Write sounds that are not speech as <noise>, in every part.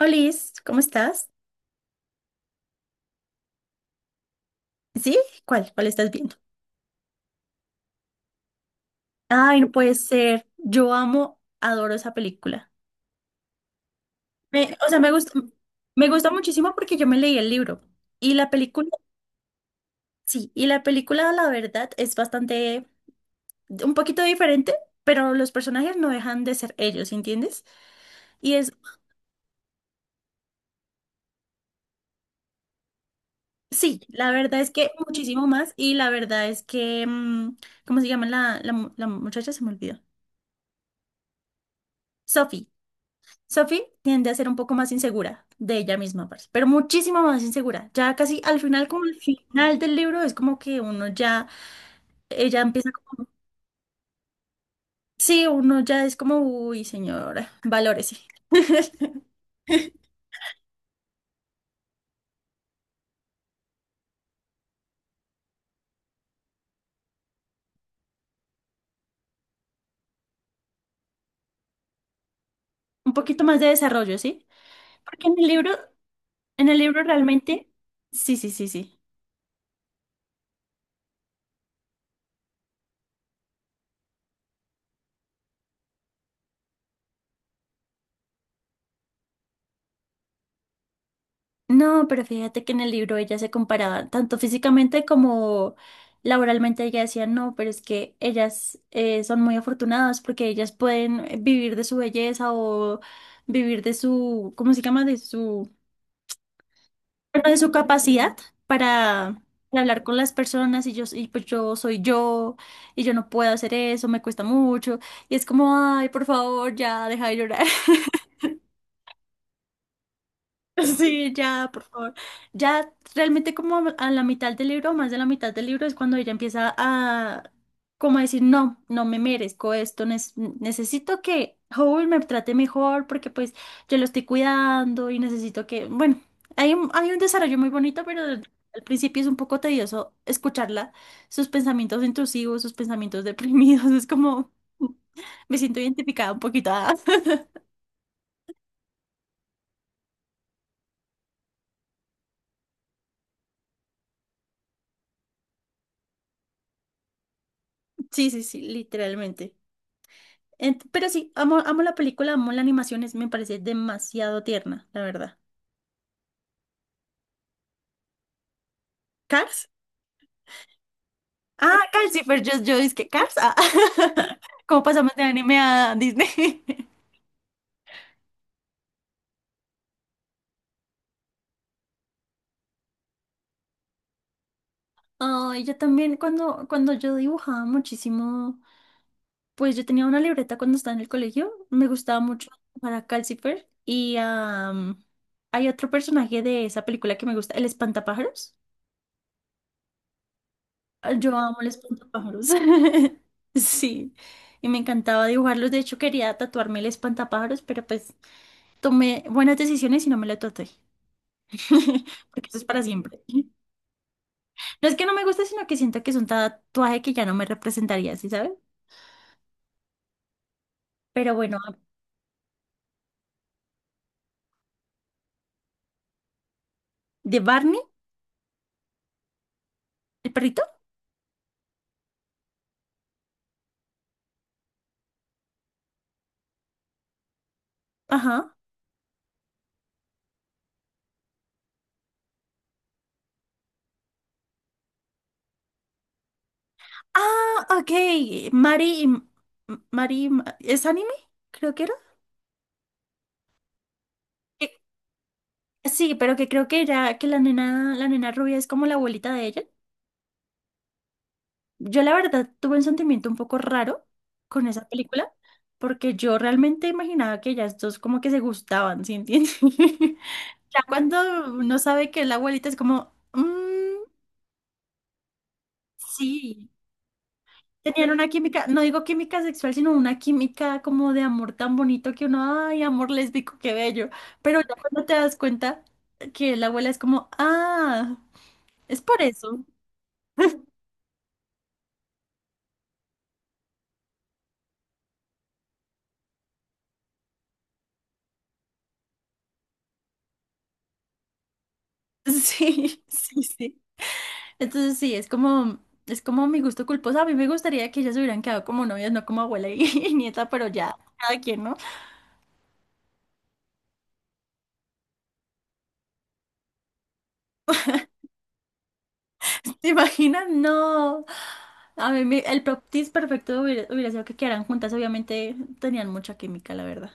Olis, ¿cómo estás? ¿Sí? ¿Cuál? ¿Cuál estás viendo? Ay, no puede ser. Yo amo, adoro esa película. O sea, me gusta muchísimo porque yo me leí el libro. Y la película, sí, y la película, la verdad, es bastante, un poquito diferente, pero los personajes no dejan de ser ellos, ¿entiendes? Y es, sí, la verdad es que muchísimo más. Y la verdad es que, ¿cómo se llama la muchacha? Se me olvidó. Sophie. Sophie tiende a ser un poco más insegura de ella misma, parce, pero muchísimo más insegura. Ya casi al final, como al final del libro, es como que uno ya, ella empieza como, sí, uno ya es como, uy, señora, valórese. <laughs> Un poquito más de desarrollo, ¿sí? Porque en el libro realmente, sí, sí, sí, sí. No, pero fíjate que en el libro ella se comparaba tanto físicamente como laboralmente. Ella decía, no, pero es que ellas son muy afortunadas porque ellas pueden vivir de su belleza o vivir de su, ¿cómo se llama? De su, bueno, de su capacidad para, para hablar con las personas y yo, y pues yo soy yo y yo no puedo hacer eso, me cuesta mucho. Y es como, ay, por favor, ya, deja de llorar. Sí, ya, por favor. Ya realmente como a la mitad del libro, más de la mitad del libro, es cuando ella empieza a como a decir, no, no me merezco esto, necesito que Howard me trate mejor porque pues yo lo estoy cuidando y necesito que, bueno, hay un desarrollo muy bonito, pero al principio es un poco tedioso escucharla, sus pensamientos intrusivos, sus pensamientos deprimidos, <laughs> es como, me siento identificada un poquito. Ah. <laughs> Sí, sí, sí, literalmente. Pero sí, amo, amo la película, amo la animación, me parece demasiado tierna, la verdad. ¿Cars? Ah, Cars, sí, pero yo dije que Cars. Ah. <laughs> ¿Cómo pasamos de anime a Disney? <laughs> Ay, yo también cuando, cuando yo dibujaba muchísimo, pues yo tenía una libreta cuando estaba en el colegio, me gustaba mucho para Calcifer y hay otro personaje de esa película que me gusta, el Espantapájaros. Ah, yo amo los espantapájaros. <laughs> Sí, y me encantaba dibujarlos. De hecho, quería tatuarme el espantapájaros, pero pues tomé buenas decisiones y no me lo tatué. <laughs> Porque eso es para siempre. No es que no me guste, sino que siento que es un tatuaje que ya no me representaría, ¿sí sabes? Pero bueno, de Barney, el perrito. Ajá. Ah, ok. Mari, y- M- Mari, ¿es anime? Creo que era. Eh, Sí, pero que creo que era que la nena rubia es como la abuelita de ella. Yo la verdad tuve un sentimiento un poco raro con esa película, porque yo realmente imaginaba que ellas dos como que se gustaban, ¿sí entiendes? <laughs> Ya cuando uno sabe que es la abuelita es como, "Mm, sí, tenían una química, no digo química sexual, sino una química como de amor tan bonito que uno, ay, amor lésbico, qué bello. Pero ya cuando te das cuenta que la abuela es como, ah, es por eso. <laughs> Sí, sí, sí. Entonces sí, es como mi gusto culposo. A mí me gustaría que ellas se hubieran quedado como novias, no como abuela y, <laughs> y nieta, pero ya, cada quien, ¿no? ¿Te imaginas? No. El proptis perfecto hubiera, hubiera sido que quedaran juntas. Obviamente tenían mucha química, la verdad.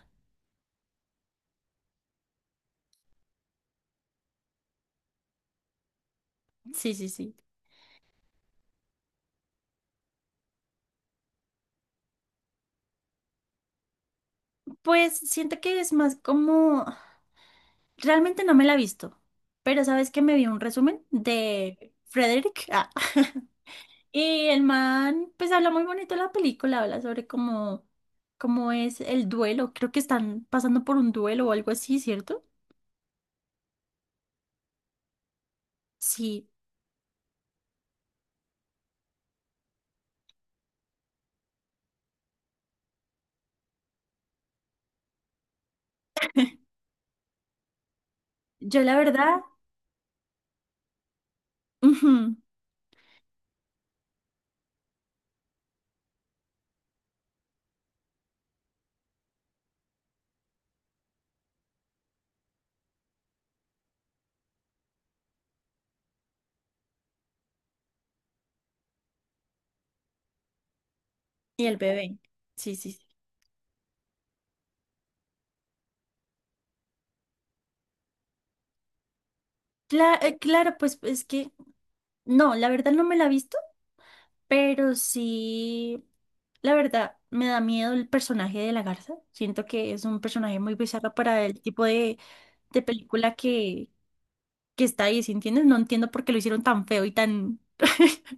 Sí, sí, sí. Pues siento que es más como... Realmente no me la he visto, pero sabes que me vi un resumen de Frederick. Ah. <laughs> Y el man, pues habla muy bonito de la película, habla sobre cómo, cómo es el duelo. Creo que están pasando por un duelo o algo así, ¿cierto? Sí, yo la verdad, ujú, y el bebé. Sí, sí, sí. Claro, pues es que, no, la verdad no me la he visto, pero sí, la verdad, me da miedo el personaje de la garza. Siento que es un personaje muy bizarro para el tipo de película que está ahí, ¿sí entiendes? No entiendo por qué lo hicieron tan feo y tan... <laughs>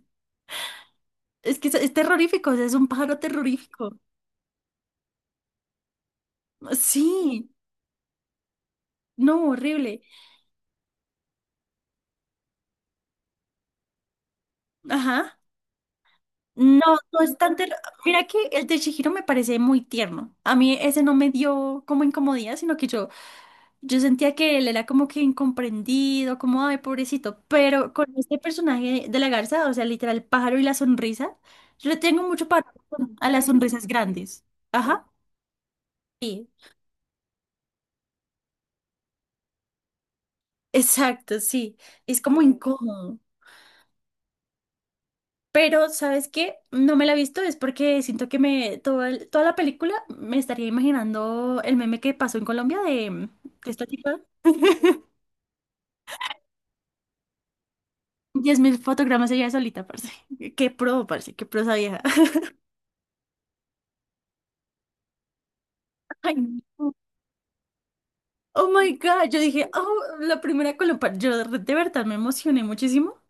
Es que es terrorífico, o sea, es un pájaro terrorífico. Sí, no, horrible. Ajá. No, no es tan terro- Mira que el de Chihiro me parece muy tierno. A mí ese no me dio como incomodidad, sino que yo sentía que él era como que incomprendido, como, ay, pobrecito. Pero con este personaje de la garza, o sea, literal, el pájaro y la sonrisa, yo le tengo mucho paro a las sonrisas grandes. Ajá. Sí, exacto, sí. Es como incómodo. Pero, ¿sabes qué? No me la he visto, es porque siento que me, toda la película me estaría imaginando el meme que pasó en Colombia de esta chica. 10.000 fotogramas ella solita, parce. Qué pro, parce, qué pro esa vieja. <laughs> Ay, no. Oh my God, yo dije, oh, la primera Colombia. Yo de verdad me emocioné muchísimo.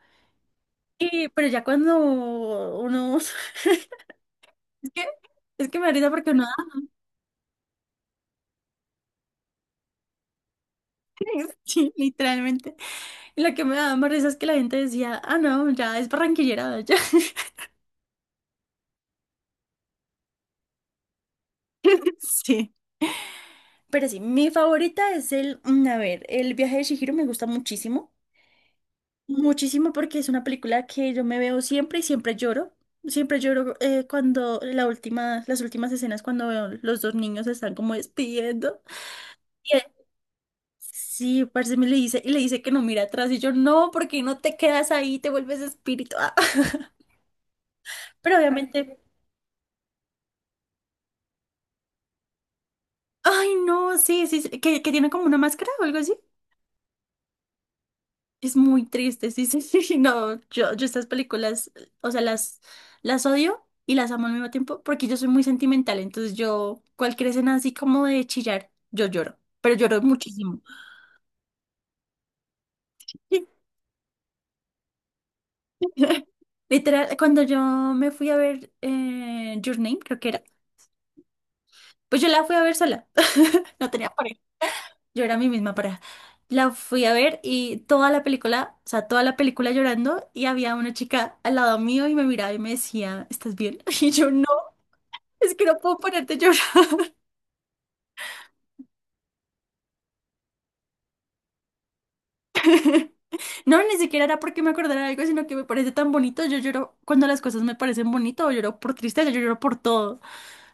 Y, pero ya cuando uno. <laughs> Es que, es que me da risa porque uno da. <laughs> Sí, literalmente. Y lo que me daba más risa es que la gente decía, ah, no, ya es barranquillera, ya. Sí. Pero sí, mi favorita es el, a ver, El viaje de Chihiro me gusta muchísimo, muchísimo porque es una película que yo me veo siempre y siempre lloro. Siempre lloro cuando la última, las últimas escenas cuando veo los dos niños se están como despidiendo. Y él- sí, parce me le dice, y le dice que no mira atrás y yo no, porque no te quedas ahí, te vuelves espíritu. Ah, <laughs> pero obviamente, ay no, sí, sí, sí, que tiene como una máscara o algo así. Es muy triste, sí, sí, <laughs> sí, no, yo estas películas, o sea, las odio y las amo al mismo tiempo porque yo soy muy sentimental, entonces yo, cualquier escena así como de chillar, yo lloro, pero lloro muchísimo. <laughs> Literal, cuando yo me fui a ver Your Name, creo que era, pues yo la fui a ver sola, <laughs> no tenía pareja, yo era mi misma pareja. La fui a ver y toda la película, o sea, toda la película llorando y había una chica al lado mío y me miraba y me decía, ¿estás bien? <laughs> Y yo no. Es que no puedo ponerte a llorar. <laughs> No, ni siquiera era porque me acordara de algo, sino que me parece tan bonito. Yo lloro cuando las cosas me parecen bonitas, o lloro por tristeza, yo lloro por todo.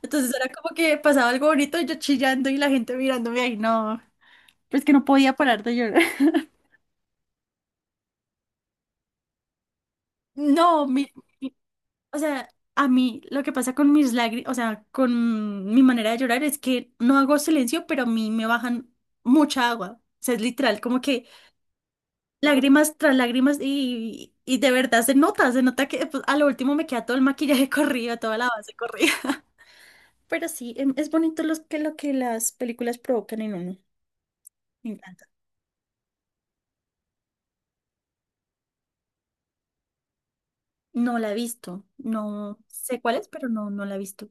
Entonces era como que pasaba algo bonito y yo chillando y la gente mirándome ahí, no. Es que no podía parar de llorar. <laughs> No, mi- o sea, a mí lo que pasa con mis lágrimas, o sea, con mi manera de llorar es que no hago silencio, pero a mí me bajan mucha agua. O sea, es literal, como que lágrimas tras lágrimas y de verdad se nota que pues, a lo último me queda todo el maquillaje <laughs> corrido, toda la base corrida. <laughs> Pero sí, es bonito los que, lo que las películas provocan en uno. Me encanta. No la he visto, no sé cuál es, pero no, no la he visto.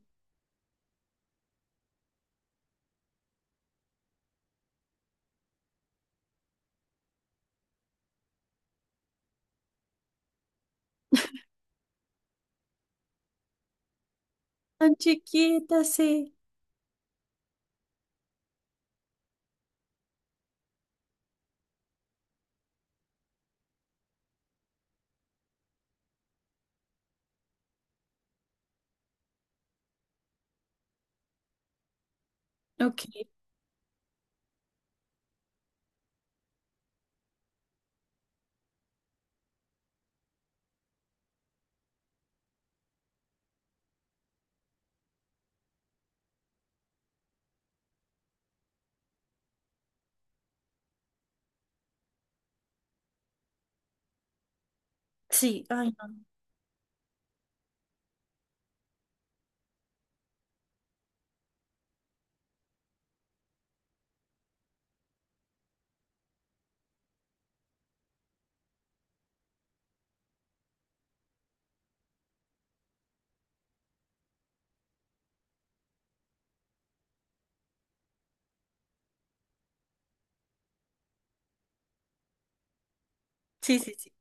Tan chiquita, sí. Ok, sí, ay, no. Sí, sí, sí.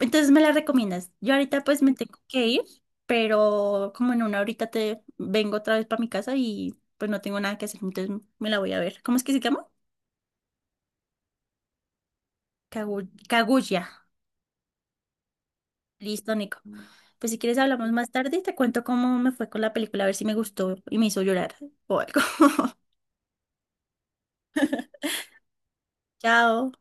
Entonces me la recomiendas. Yo ahorita pues me tengo que ir, pero como en una horita te vengo otra vez para mi casa y pues no tengo nada que hacer, entonces me la voy a ver. ¿Cómo es que se llama? Kaguya. Listo, Nico. Pues si quieres hablamos más tarde y te cuento cómo me fue con la película, a ver si me gustó y me hizo llorar o algo. <laughs> Chao.